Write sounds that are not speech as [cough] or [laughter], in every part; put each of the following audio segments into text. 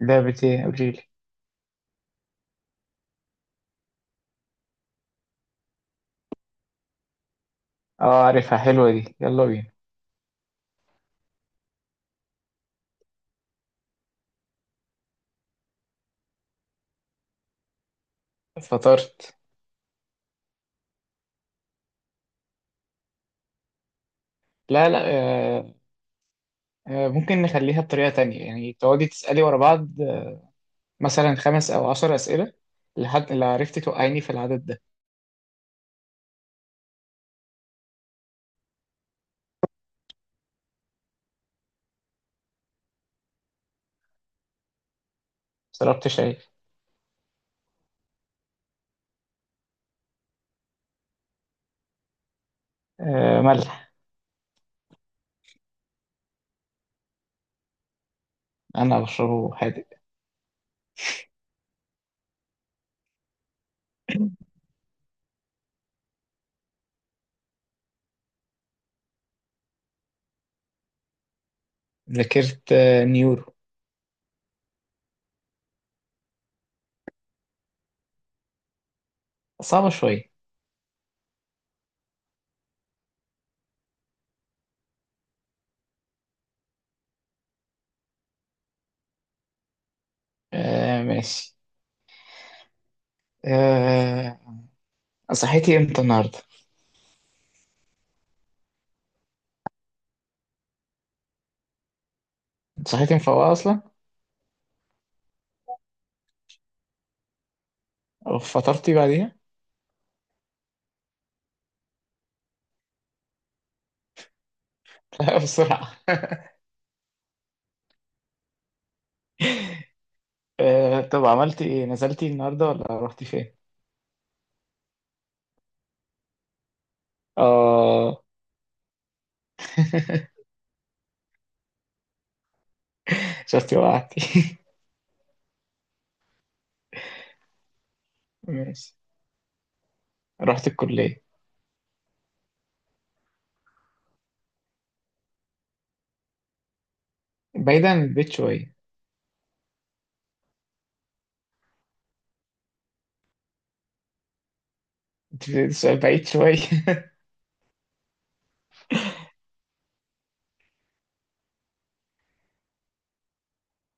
لعبة ايه؟ قوليلي. اه، عارفها، حلوة دي، يلا بينا. فطرت؟ لا، لا. آه. آه، ممكن نخليها بطريقة تانية، يعني تقعدي تسألي ورا بعض مثلا خمس أو 10 أسئلة، لحد لو عرفتي توقعيني في العدد ده. شربت شاي. آه، ملح. أنا بشربه حادق. ذاكرت نيورو. صعبة شوية. آه، ماشي. آه. صحيتي امتى النهاردة؟ صحيتي مفوقة أصلا؟ أو فطرتي بعديها؟ [laughs] لا، بسرعة. آه، طب، عملتي ايه؟ نزلتي النهاردة ولا رحتي فين؟ اه. [laughs] شفتي وقعتي. [laughs] ماشي. رحت الكلية. بعيد عن البيت شوية. انت في سؤال بعيد شوية. [laughs]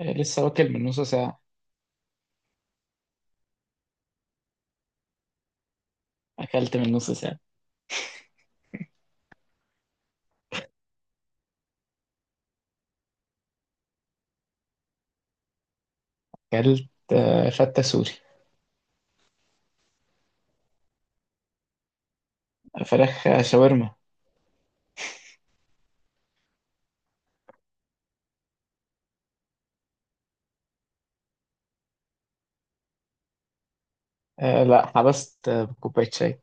لسه واكل من نص ساعة. أكلت من نص ساعة. أكلت فتة سوري. فراخ شاورما. آه، لا، حبست بكوباية شاي.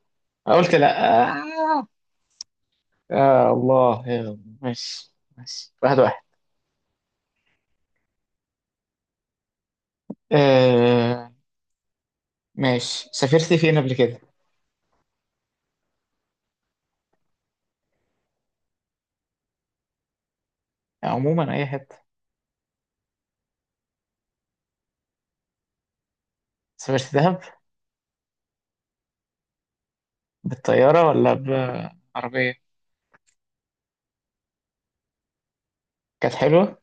قلت لا آه. آه، الله يلا. ماشي، ماشي، واحد واحد. آه. ماشي، سافرت فين قبل كده؟ عموما أي حتة. سافرت دهب. بالطيارة ولا بعربية؟ كانت حلوة.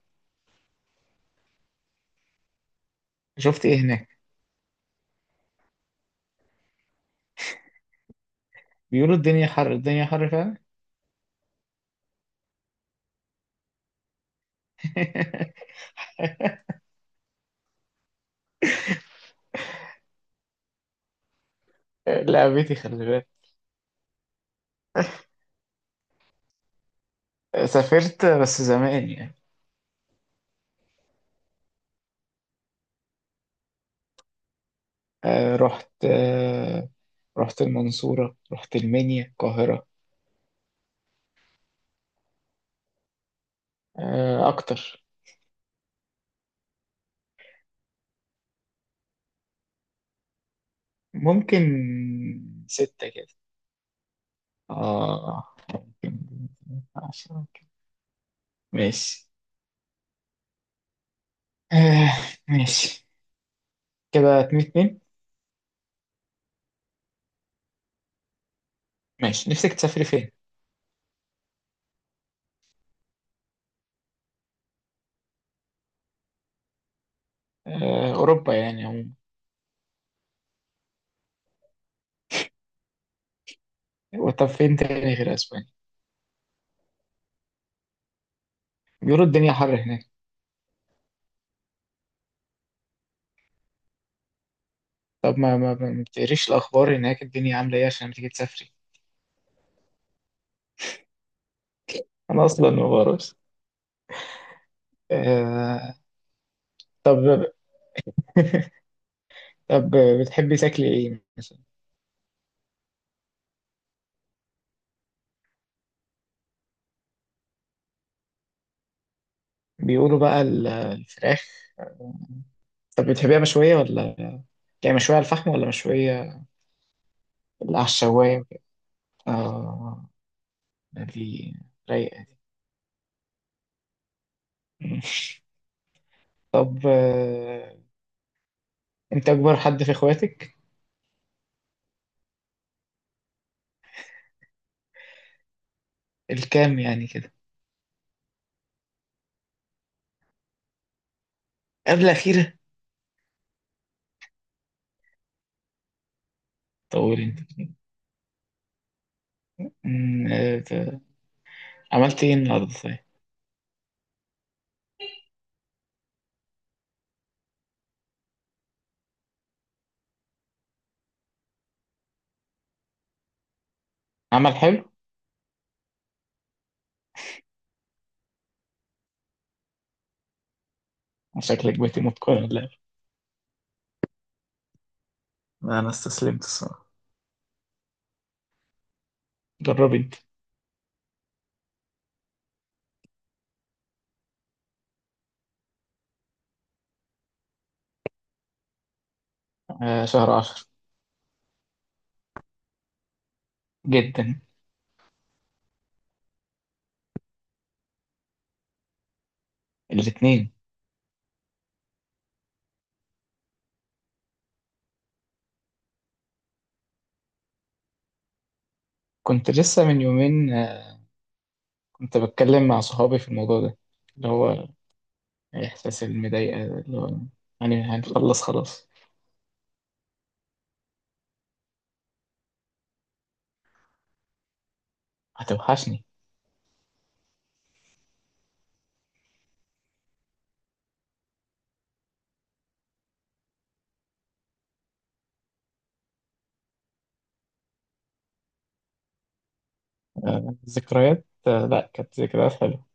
شفت إيه هناك؟ بيقولوا الدنيا حر الدنيا حر فعلا. آه، لعبتي خلي بالك. آه، سافرت بس زمان يعني. آه، رحت المنصورة، رحت المنيا، القاهرة. آه، أكتر. ممكن. ستة كده. آه. ممكن. 10 ممكن. ماشي. آه. ماشي. كده اتنين اتنين. ماشي، نفسك تسافري فين؟ آه، أوروبا يعني، عموما. طب، فين تاني غير أسبانيا؟ بيقولوا الدنيا حر هناك. طب، ما بتقريش الأخبار هناك، الدنيا عاملة إيه عشان تيجي تسافري؟ أنا أصلا ما بعرفش. آه. طب طب، بتحبي تاكلي إيه مثلا؟ بيقولوا بقى الفراخ. طب، بتحبيها مشوية ولا؟ يعني مشوية على الفحم ولا مشوية على الشواية؟ آه، دي رايقة. طب، أنت أكبر حد في إخواتك؟ الكام يعني كده. قبل أخيرة. طول أنت. مم، آه، ت- عملت إيه النهاردة طيب؟ عمل حلو. شكلك بقيتي متقنة. انا استسلمت، الصراحه. جربي انت. آه، شهر 10. جدا. الاتنين. كنت لسه من يومين، كنت بتكلم مع صحابي في الموضوع ده، اللي هو إحساس المضايقة ده، اللي هو يعني هنخلص خلاص. هتوحشني. الذكريات لأ، كانت ذكريات حلوة.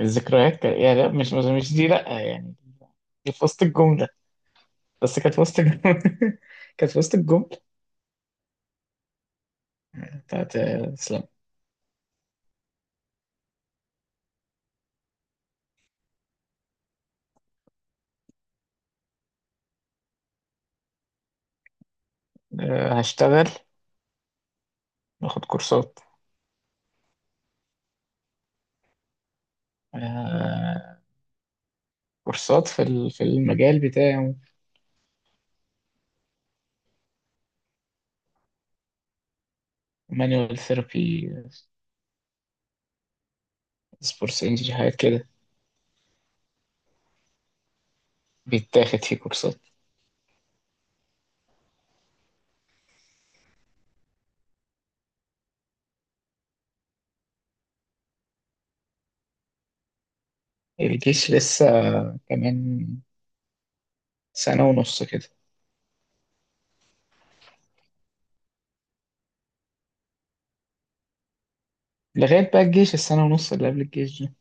الذكريات كانت يعني، لأ، مش دي، لأ يعني، دي في وسط الجملة. بس كانت في وسط الجملة. [laughs] كانت في وسط الجملة. بتاعت اسلام. آه، هشتغل، باخد كورسات. آه، كورسات في في المجال بتاعي. مانوال ثيرابي. سبورسنجي حاجات كده. بيتاخد فيه كورسات. الجيش لسه كمان سنة ونص كده. لغاية بقى الجيش، السنة ونص اللي قبل الجيش دي.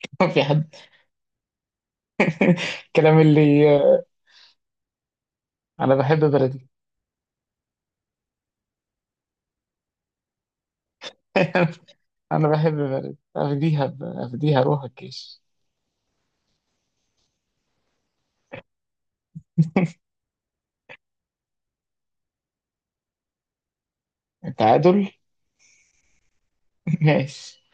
[laughs] في حد، الكلام اللي، أنا بحب بلدي. [laughs] أنا بحب بلدي، أفديها أفديها، أروح الجيش. التعادل. [laughs] ماشي.